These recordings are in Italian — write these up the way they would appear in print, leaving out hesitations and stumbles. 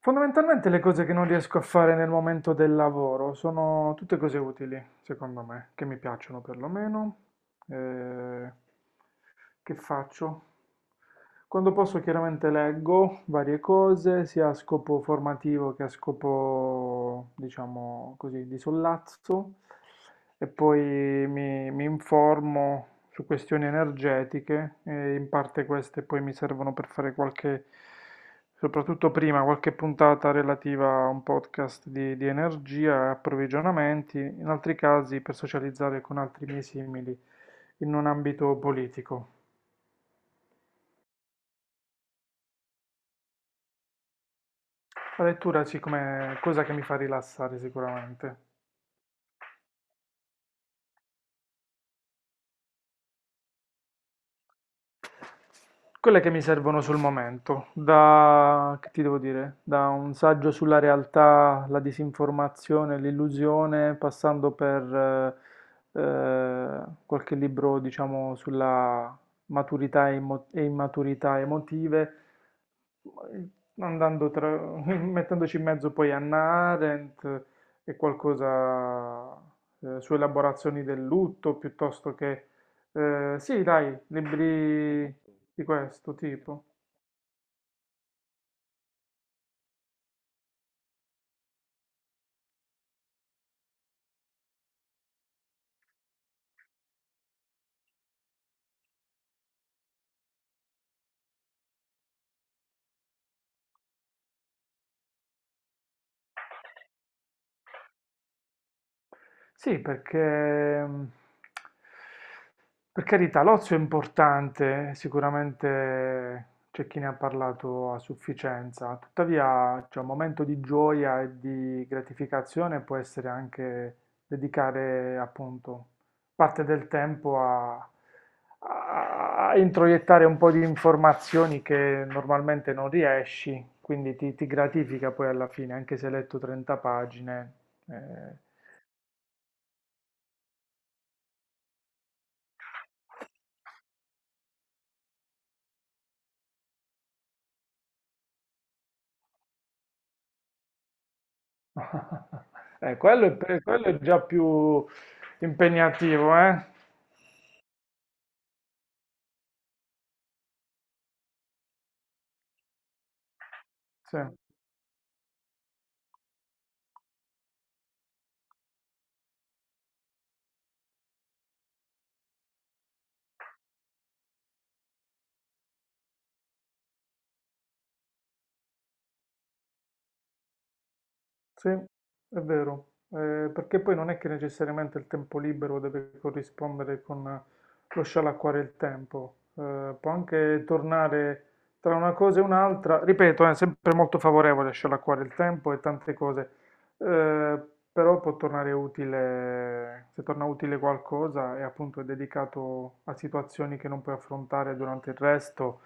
Fondamentalmente le cose che non riesco a fare nel momento del lavoro sono tutte cose utili, secondo me, che mi piacciono perlomeno. eh, che faccio? Quando posso chiaramente leggo varie cose, sia a scopo formativo che a scopo, diciamo così, di sollazzo, e poi mi informo su questioni energetiche, e in parte queste poi mi servono per fare qualche, soprattutto prima, qualche puntata relativa a un podcast di energia e approvvigionamenti, in altri casi per socializzare con altri miei simili in un ambito politico. La lettura sì, come cosa che mi fa rilassare sicuramente. Quelle che mi servono sul momento, da, che ti devo dire, da un saggio sulla realtà, la disinformazione, l'illusione, passando per eh, eh, qualche libro, diciamo, sulla maturità e, e immaturità emotive, andando tra, mettendoci in mezzo poi Anna Arendt e qualcosa su elaborazioni del lutto, piuttosto che... sì, dai, libri di questo tipo? Sì, perché mh, per carità l'ozio è importante, sicuramente c'è chi ne ha parlato a sufficienza, tuttavia c'è un momento di gioia e di gratificazione può essere anche dedicare appunto parte del tempo a, a introiettare un po' di informazioni che normalmente non riesci, quindi ti gratifica poi alla fine, anche se hai letto 30 pagine. eh, quello, è quello è già più impegnativo, eh? Sì. Sì, è vero, perché poi non è che necessariamente il tempo libero deve corrispondere con lo scialacquare il tempo, può anche tornare tra una cosa e un'altra, ripeto, è sempre molto favorevole a scialacquare il tempo e tante cose, eh, però può tornare utile, se torna utile qualcosa e appunto è dedicato a situazioni che non puoi affrontare durante il resto,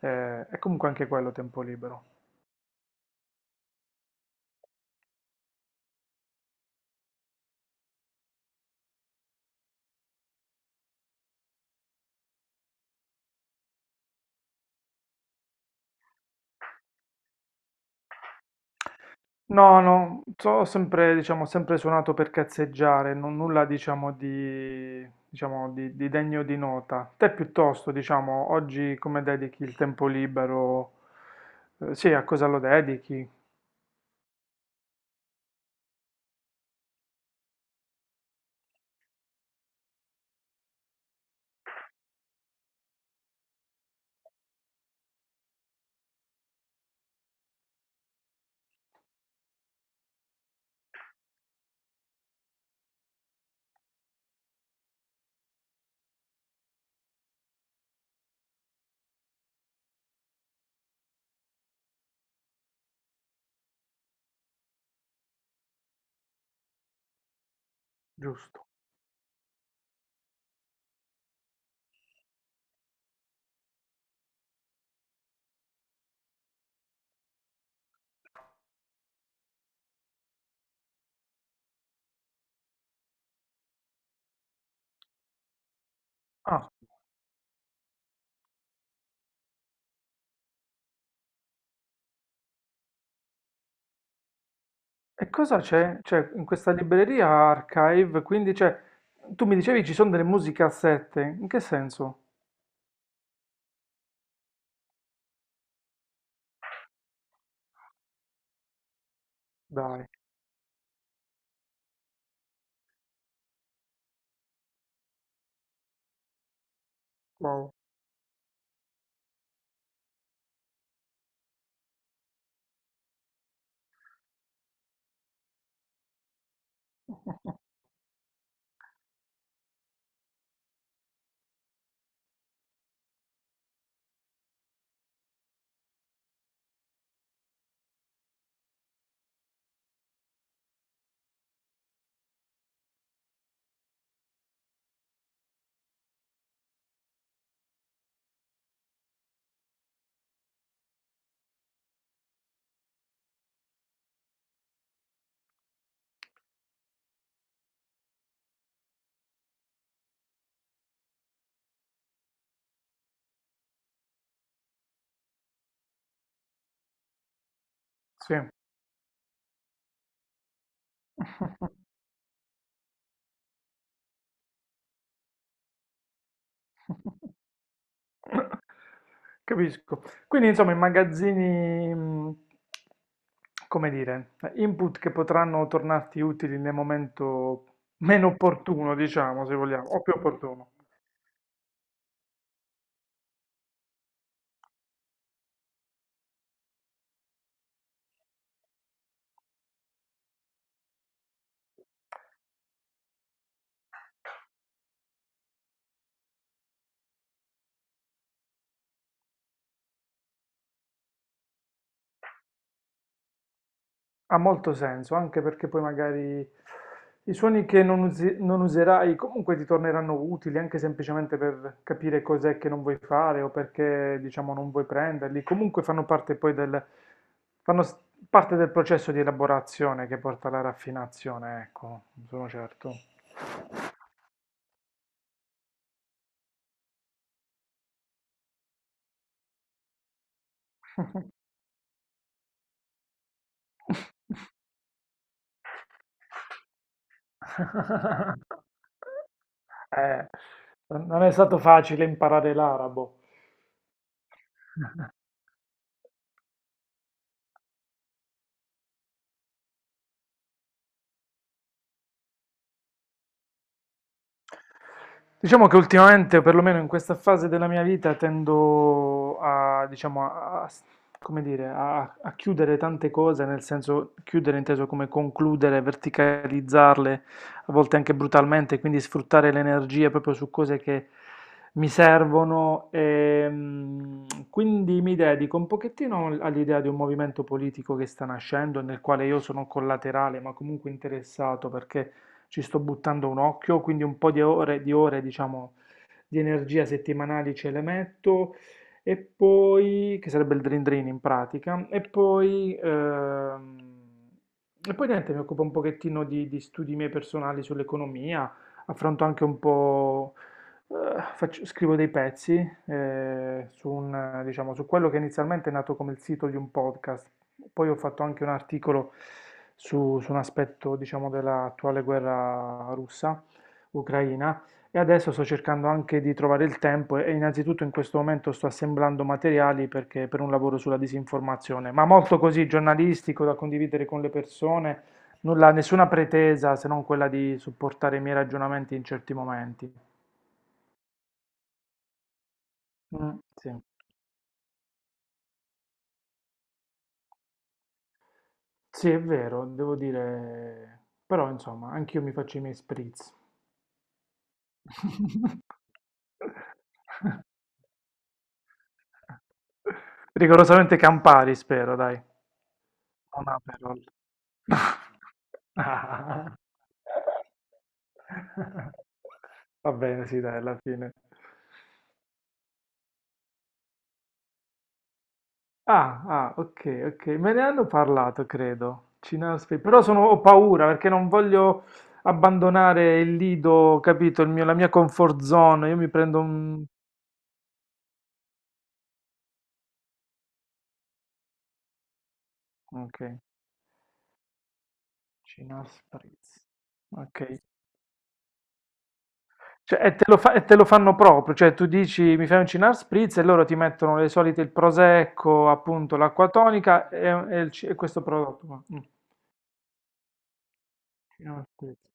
è comunque anche quello tempo libero. No, no, ho sempre, diciamo, sempre suonato per cazzeggiare, non nulla, diciamo, di degno di nota. Te piuttosto, diciamo, oggi come dedichi il tempo libero? Sì, a cosa lo dedichi? Giusto. Ah, e cosa c'è? C'è in questa libreria Archive, quindi c'è, tu mi dicevi ci sono delle musicassette, in che senso? Dai, wow, sì. Capisco. Quindi, insomma, i magazzini, come dire, input che potranno tornarti utili nel momento meno opportuno, diciamo, se vogliamo, o più opportuno. Ha molto senso, anche perché poi magari i suoni che non, non userai comunque ti torneranno utili, anche semplicemente per capire cos'è che non vuoi fare o perché, diciamo, non vuoi prenderli. Comunque fanno parte poi del, fanno s- parte del processo di elaborazione che porta alla raffinazione, ecco, sono certo. Eh, non è stato facile imparare l'arabo. Diciamo che ultimamente, perlomeno in questa fase della mia vita, tendo a, diciamo, come dire, a, a chiudere tante cose, nel senso chiudere inteso come concludere, verticalizzarle, a volte anche brutalmente, quindi sfruttare le energie proprio su cose che mi servono. E, mm, quindi mi dedico un pochettino all'idea di un movimento politico che sta nascendo, nel quale io sono collaterale, ma comunque interessato, perché ci sto buttando un occhio, quindi un po' di ore, diciamo di energia settimanali ce le metto, e poi, che sarebbe il Dream Dream in pratica, e poi niente, mi occupo un pochettino di studi miei personali sull'economia, affronto anche un po', scrivo dei pezzi, diciamo, su quello che inizialmente è nato come il sito di un podcast, poi ho fatto anche un articolo su un aspetto, diciamo, dell'attuale guerra russa, ucraina. E adesso sto cercando anche di trovare il tempo innanzitutto in questo momento sto assemblando materiali perché, per un lavoro sulla disinformazione, ma molto così giornalistico da condividere con le persone, nulla, nessuna pretesa se non quella di supportare i miei ragionamenti in certi momenti. Mm, sì. Sì, è vero, devo dire, però insomma, anch'io mi faccio i miei spritz. Rigorosamente Campari, spero, dai. Non Aperol. Va bene, sì, dai, alla fine. Ah, ah, ok, ok. Me ne hanno parlato, credo. Cinar Space. Però sono, ho paura perché non voglio abbandonare il lido, capito? La mia comfort zone. Io mi prendo un... Ok, Cinar Spritz. Ok. Cioè, e te lo e te lo fanno proprio, cioè tu dici mi fai un Cynar Spritz e loro ti mettono le solite, il prosecco, appunto l'acqua tonica e il e questo prodotto qua. Mm, Cynar Spritz.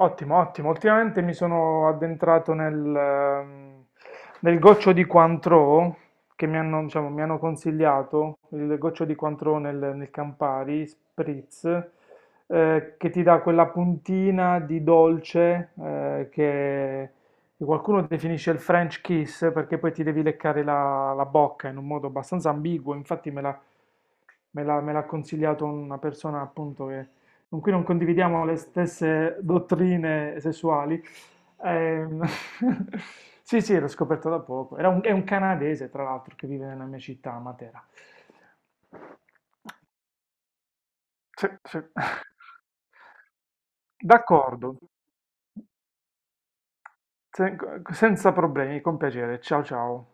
Ottimo, ottimo. Ultimamente mi sono addentrato nel, nel goccio di Cointreau che mi hanno, diciamo, mi hanno consigliato, il goccio di Cointreau nel, nel Campari Spritz, che ti dà quella puntina di dolce che qualcuno definisce il French kiss perché poi ti devi leccare la, la bocca in un modo abbastanza ambiguo. Infatti me l'ha consigliato una persona appunto che con cui non condividiamo le stesse dottrine sessuali. Ehm, sì, sì, l'ho scoperto da poco. Era è un canadese, tra l'altro, che vive nella mia città, a Matera. Sì, sì. D'accordo, Sen- senza problemi, con piacere. Ciao ciao.